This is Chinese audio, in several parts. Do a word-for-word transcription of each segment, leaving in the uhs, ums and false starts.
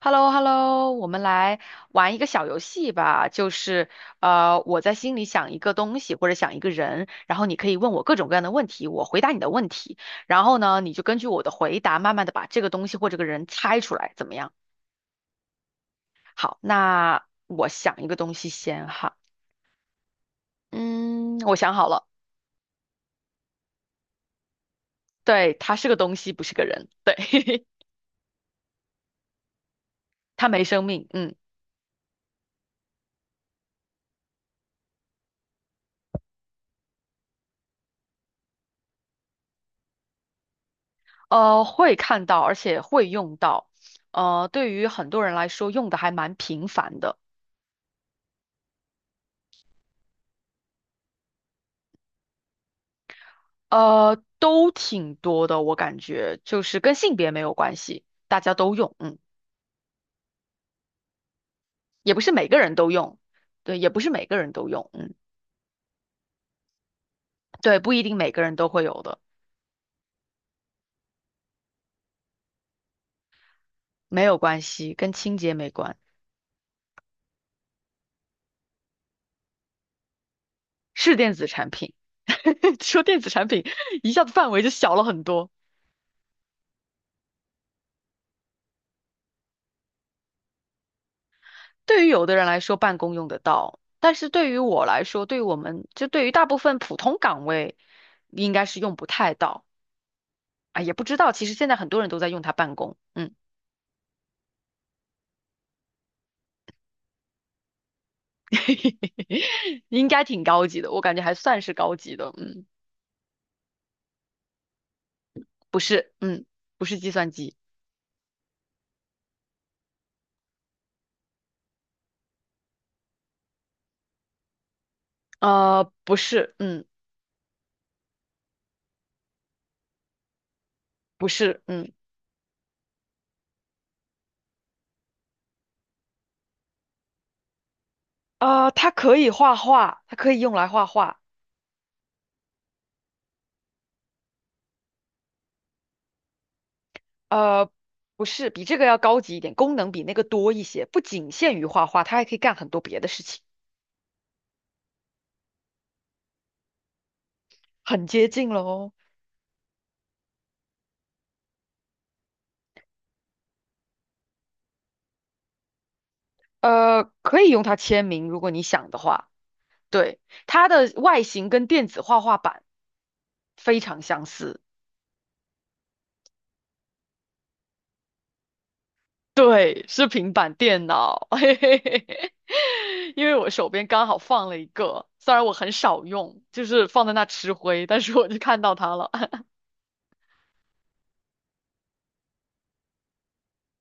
h e l l o h e l l o 我们来玩一个小游戏吧，就是呃，我在心里想一个东西或者想一个人，然后你可以问我各种各样的问题，我回答你的问题，然后呢，你就根据我的回答，慢慢的把这个东西或这个人猜出来，怎么样？好，那我想一个东西先哈，嗯，我想好了，对，它是个东西，不是个人，对，它没生命，嗯，呃，会看到，而且会用到，呃，对于很多人来说，用的还蛮频繁的。呃，都挺多的，我感觉就是跟性别没有关系，大家都用，嗯，也不是每个人都用，对，也不是每个人都用，嗯，对，不一定每个人都会有的，没有关系，跟清洁没关，是电子产品。说电子产品，一下子范围就小了很多。对于有的人来说，办公用得到，但是对于我来说，对于我们就对于大部分普通岗位，应该是用不太到啊，也不知道，其实现在很多人都在用它办公，嗯。应该挺高级的，我感觉还算是高级的，嗯，不是，嗯，不是计算机，呃，不是，嗯，不是，嗯，呃，它可以画画，它可以用来画画，呃，不是，比这个要高级一点，功能比那个多一些，不仅限于画画，它还可以干很多别的事情，很接近喽，呃，可以用它签名，如果你想的话，对，它的外形跟电子画画板非常相似。对，是平板电脑，嘿嘿嘿嘿，因为我手边刚好放了一个，虽然我很少用，就是放在那吃灰，但是我就看到它了。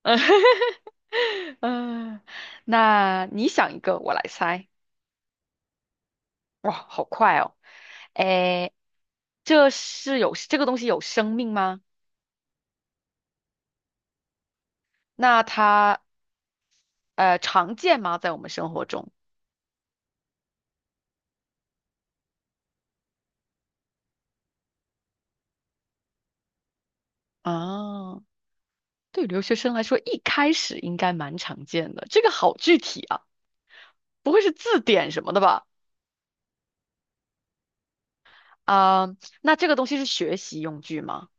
嗯，嗯，那你想一个，我来猜。哇，好快哦！诶，这是有这个东西有生命吗？那它呃常见吗？在我们生活中啊，对留学生来说，一开始应该蛮常见的。这个好具体啊。不会是字典什么的吧？啊、那这个东西是学习用具吗？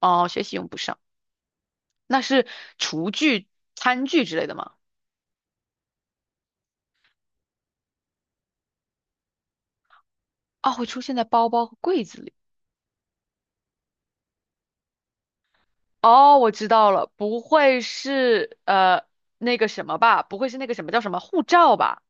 哦，学习用不上，那是厨具、餐具之类的吗？啊、会出现在包包和柜子里。哦，我知道了，不会是呃那个什么吧？不会是那个什么叫什么护照吧？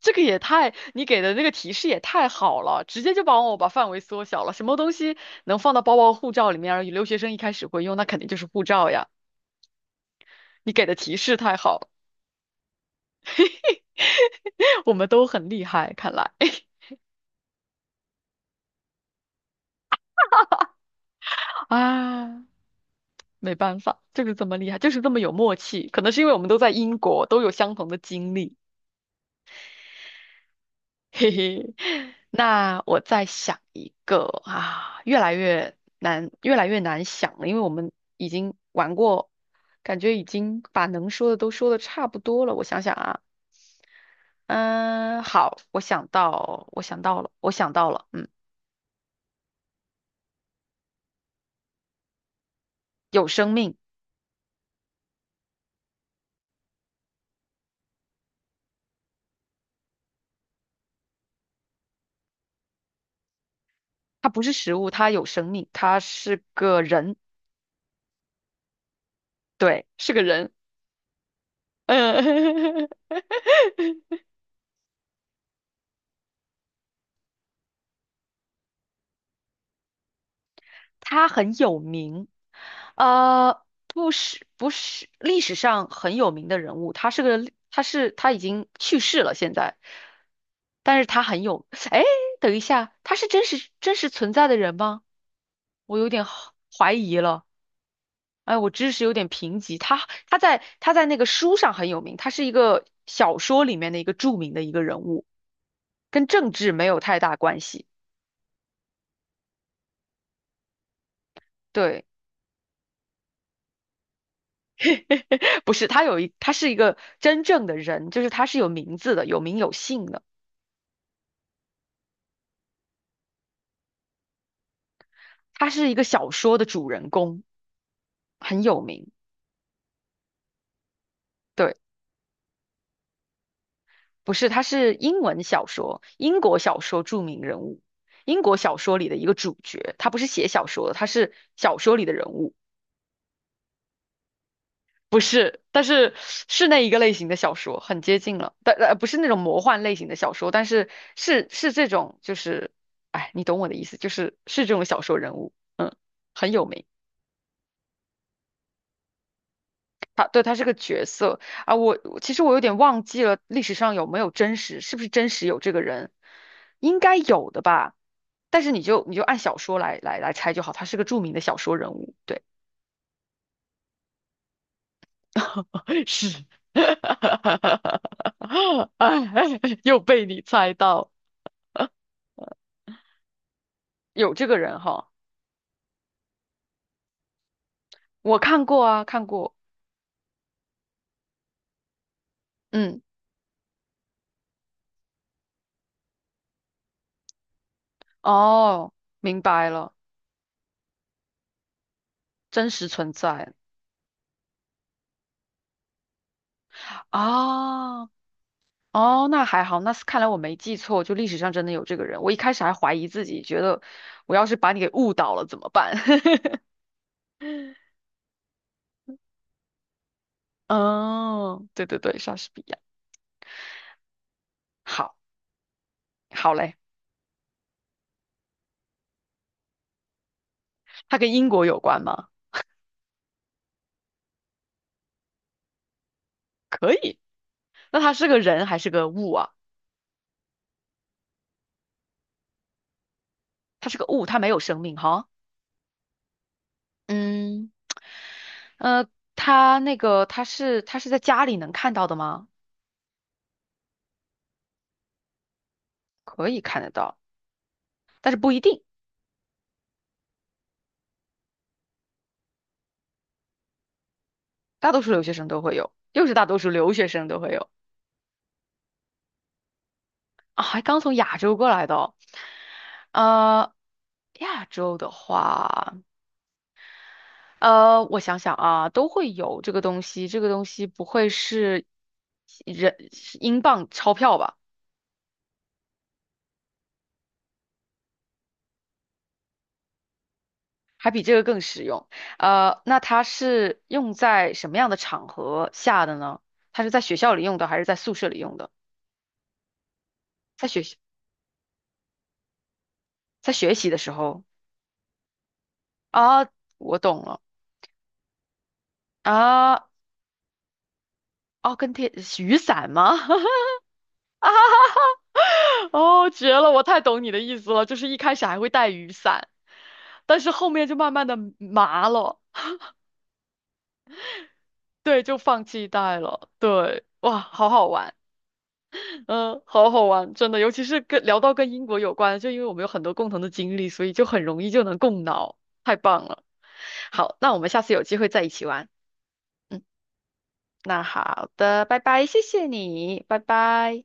这个也太，你给的那个提示也太好了，直接就帮我把范围缩小了。什么东西能放到包包、护照里面，而留学生一开始会用，那肯定就是护照呀。你给的提示太好了，我们都很厉害，看来。啊，没办法，就是这么厉害，就是这么有默契。可能是因为我们都在英国，都有相同的经历。嘿嘿，那我再想一个啊，越来越难，越来越难想了，因为我们已经玩过，感觉已经把能说的都说的差不多了。我想想啊，嗯，好，我想到，我想到了，我想到了，嗯，有生命，它不是食物，它有生命，它是个人，对，是个人，嗯。他很有名，呃，不是不是历史上很有名的人物，他是个历他是他已经去世了现在，但是他很有，哎，等一下，他是真实真实存在的人吗？我有点好怀疑了，哎，我知识有点贫瘠，他他在他在那个书上很有名，他是一个小说里面的一个著名的一个人物，跟政治没有太大关系，对。不是，他有一，他是一个真正的人，就是他是有名字的，有名有姓的。他是一个小说的主人公，很有名。对，不是，他是英文小说，英国小说著名人物，英国小说里的一个主角。他不是写小说的，他是小说里的人物，不是，但是是那一个类型的小说，很接近了。但呃，不是那种魔幻类型的小说，但是是是这种，就是，哎，你懂我的意思，就是是这种小说人物，嗯，很有名。他，对，他是个角色啊，我我其实我有点忘记了历史上有没有真实，是不是真实有这个人，应该有的吧。但是你就你就按小说来来来猜就好，他是个著名的小说人物，对，是，哎，又被你猜到，有这个人哈，我看过啊，看过，嗯，哦，明白了，真实存在啊。哦，那还好，那是看来我没记错，就历史上真的有这个人。我一开始还怀疑自己，觉得我要是把你给误导了怎么办？哦，对对对，莎士比亚。好，好嘞，他跟英国有关吗？可以。那他是个人还是个物啊？他是个物，他没有生命哈。嗯，呃，他那个他是他是在家里能看到的吗？可以看得到，但是不一定，大多数留学生都会有，又是大多数留学生都会有。啊，还刚从亚洲过来的哦，呃，亚洲的话，呃，我想想啊，都会有这个东西。这个东西不会是人是英镑钞票吧？还比这个更实用。呃，那它是用在什么样的场合下的呢？它是在学校里用的，还是在宿舍里用的？在学习，在学习的时候啊，我懂了啊，哦，跟天雨伞吗？哦，绝了！我太懂你的意思了，就是一开始还会带雨伞，但是后面就慢慢的麻了，对，就放弃带了。对，哇，好好玩，嗯，好好玩，真的，尤其是跟聊到跟英国有关，就因为我们有很多共同的经历，所以就很容易就能共脑，太棒了。好，那我们下次有机会再一起玩。嗯，那好的，拜拜，谢谢你，拜拜。